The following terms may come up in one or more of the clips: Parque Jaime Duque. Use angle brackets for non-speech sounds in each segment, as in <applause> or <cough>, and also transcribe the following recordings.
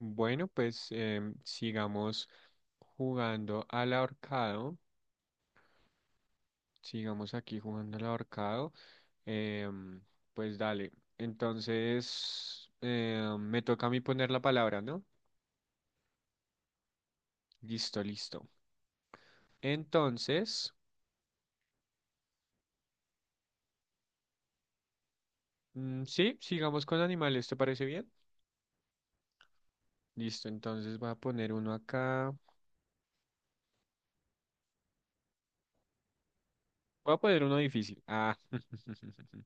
Bueno, pues sigamos jugando al ahorcado. Sigamos aquí jugando al ahorcado. Em, pues dale. Entonces, me toca a mí poner la palabra, ¿no? Listo, listo. Entonces, sí, sigamos con animales, ¿te parece bien? Listo, entonces voy a poner uno acá. Voy a poner uno difícil. Ah, <laughs>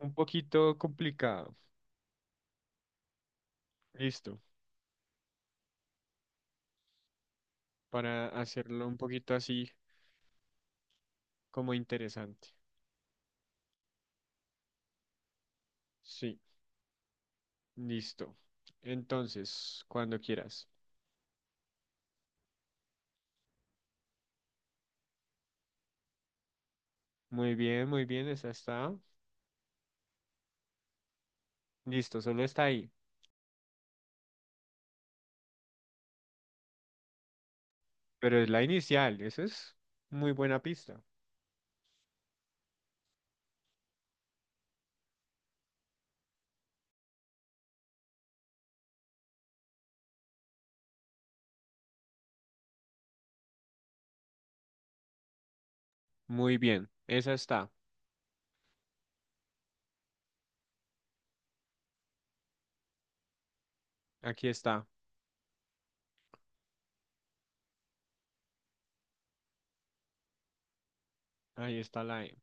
un poquito complicado. Listo, para hacerlo un poquito así como interesante. Sí. Listo. Entonces, cuando quieras. Muy bien, esa está. Listo, solo está ahí. Pero es la inicial, esa es muy buena pista. Muy bien, esa está. Aquí está. Ahí está la E.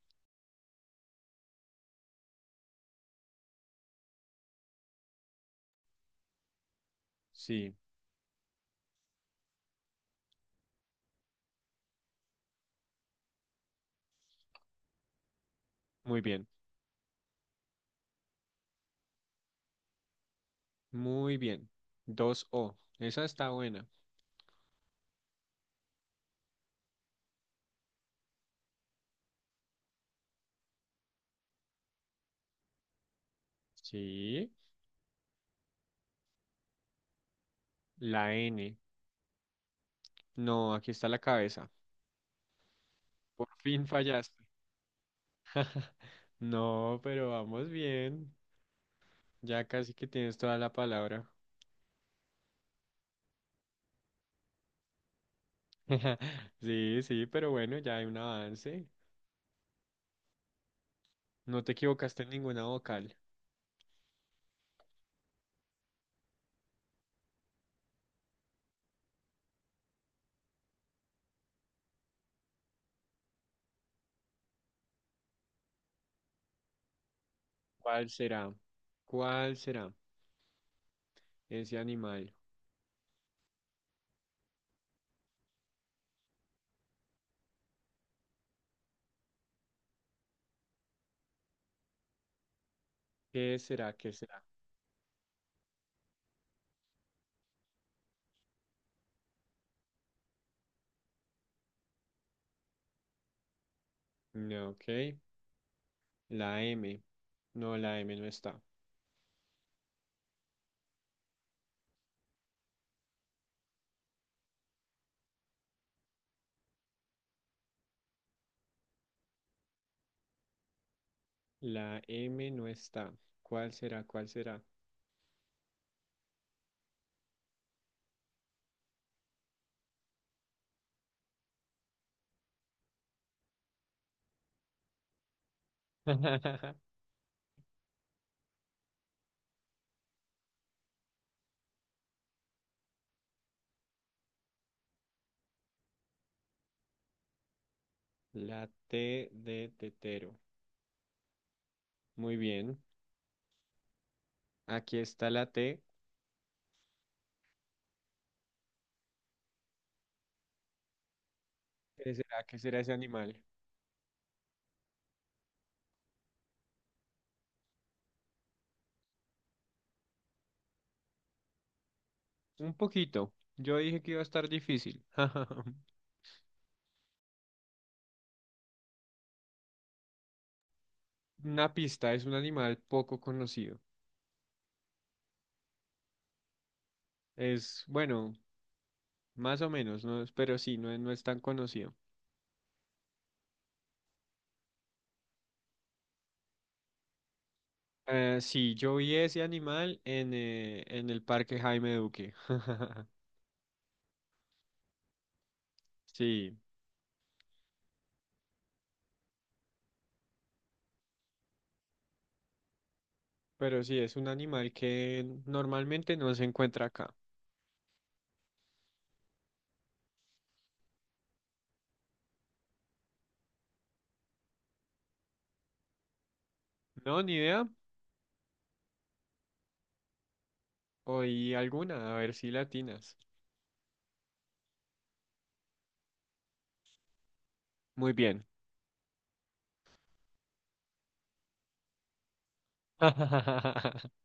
Sí, muy bien. Muy bien. Dos o esa está buena. Sí, la N. No, aquí está la cabeza. Por fin fallaste. <laughs> No, pero vamos bien. Ya casi que tienes toda la palabra. <laughs> Sí, sí, pero bueno, ya hay un avance. No te equivocaste en ninguna vocal. ¿Cuál será? ¿Cuál será ese animal? ¿Qué será? ¿Qué será? No, ok. La M. No, la M no está. La M no está. ¿Cuál será? ¿Cuál será? <laughs> La T de tetero. Muy bien. Aquí está la T. ¿Qué será? ¿Qué será ese animal? Un poquito. Yo dije que iba a estar difícil. <laughs> Una pista es un animal poco conocido. Es, bueno, más o menos, ¿no? Pero sí, no, no es tan conocido. Sí, yo vi ese animal en el Parque Jaime Duque. <laughs> Sí, pero sí, es un animal que normalmente no se encuentra acá. No, ni idea. Oí alguna, a ver si latinas. Muy bien. <laughs>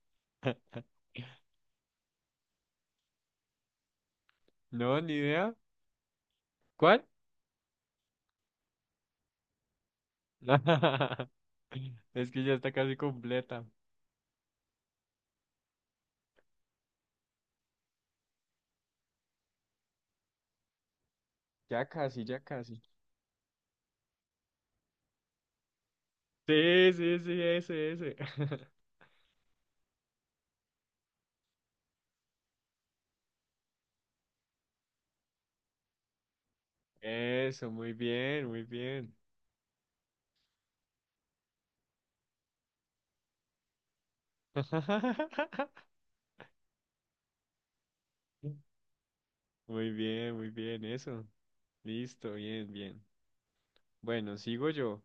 No, ni idea. ¿Cuál? <laughs> Es que ya está casi completa. Ya casi, ya casi. Sí, sí, sí, ese, ese. <laughs> Eso, muy bien, muy bien. <laughs> Muy bien, eso. Listo, bien, bien. Bueno, sigo yo.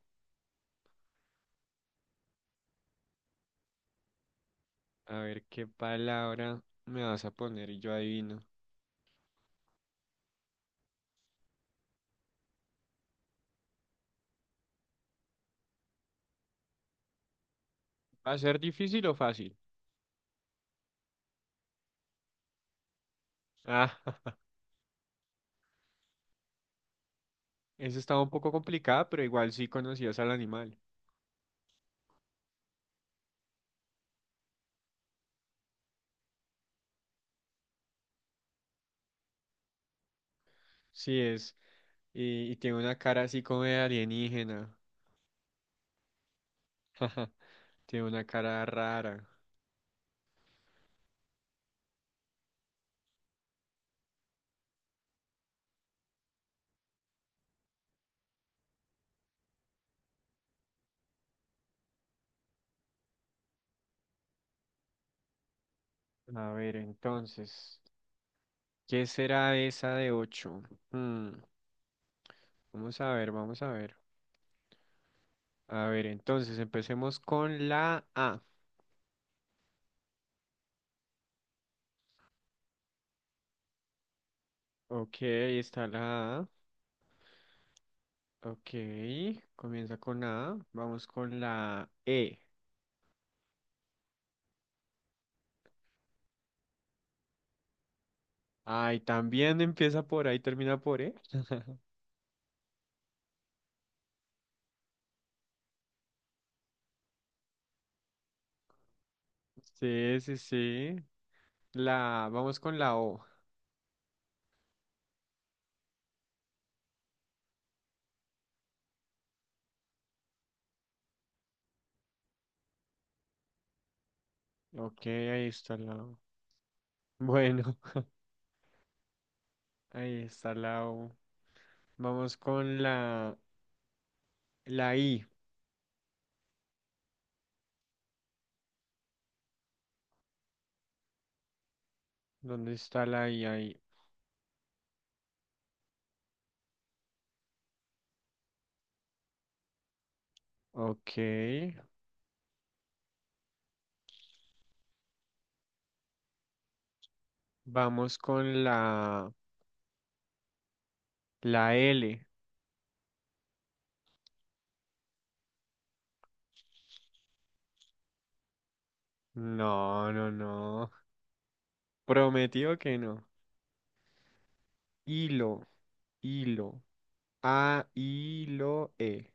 A ver qué palabra me vas a poner y yo adivino. ¿Va a ser difícil o fácil? Ah, <laughs> eso estaba un poco complicada, pero igual sí conocías al animal. Sí es. Y tiene una cara así como de alienígena. <laughs> Tiene una cara rara. A ver, entonces. ¿Qué será esa de 8? Vamos a ver, vamos a ver. A ver, entonces empecemos con la A. Ok, ahí está la A. Ok, comienza con A. Vamos con la E. Ay, también empieza por A y termina por E. <laughs> Sí, sí, sí. La, vamos con la O. Ok, ahí está la O. Bueno, <laughs> ahí está la O. Vamos con la, la I. ¿Dónde está la I ahí? Ok. Vamos con la, la L. No, no, no. Prometido que no. Hilo, hilo. A, hilo, E.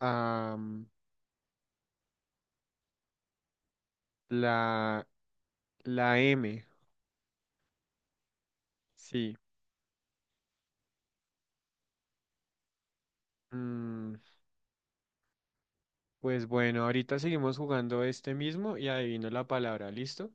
Am, la, la M. Sí. Mm, pues bueno, ahorita seguimos jugando este mismo y adivino la palabra, ¿listo?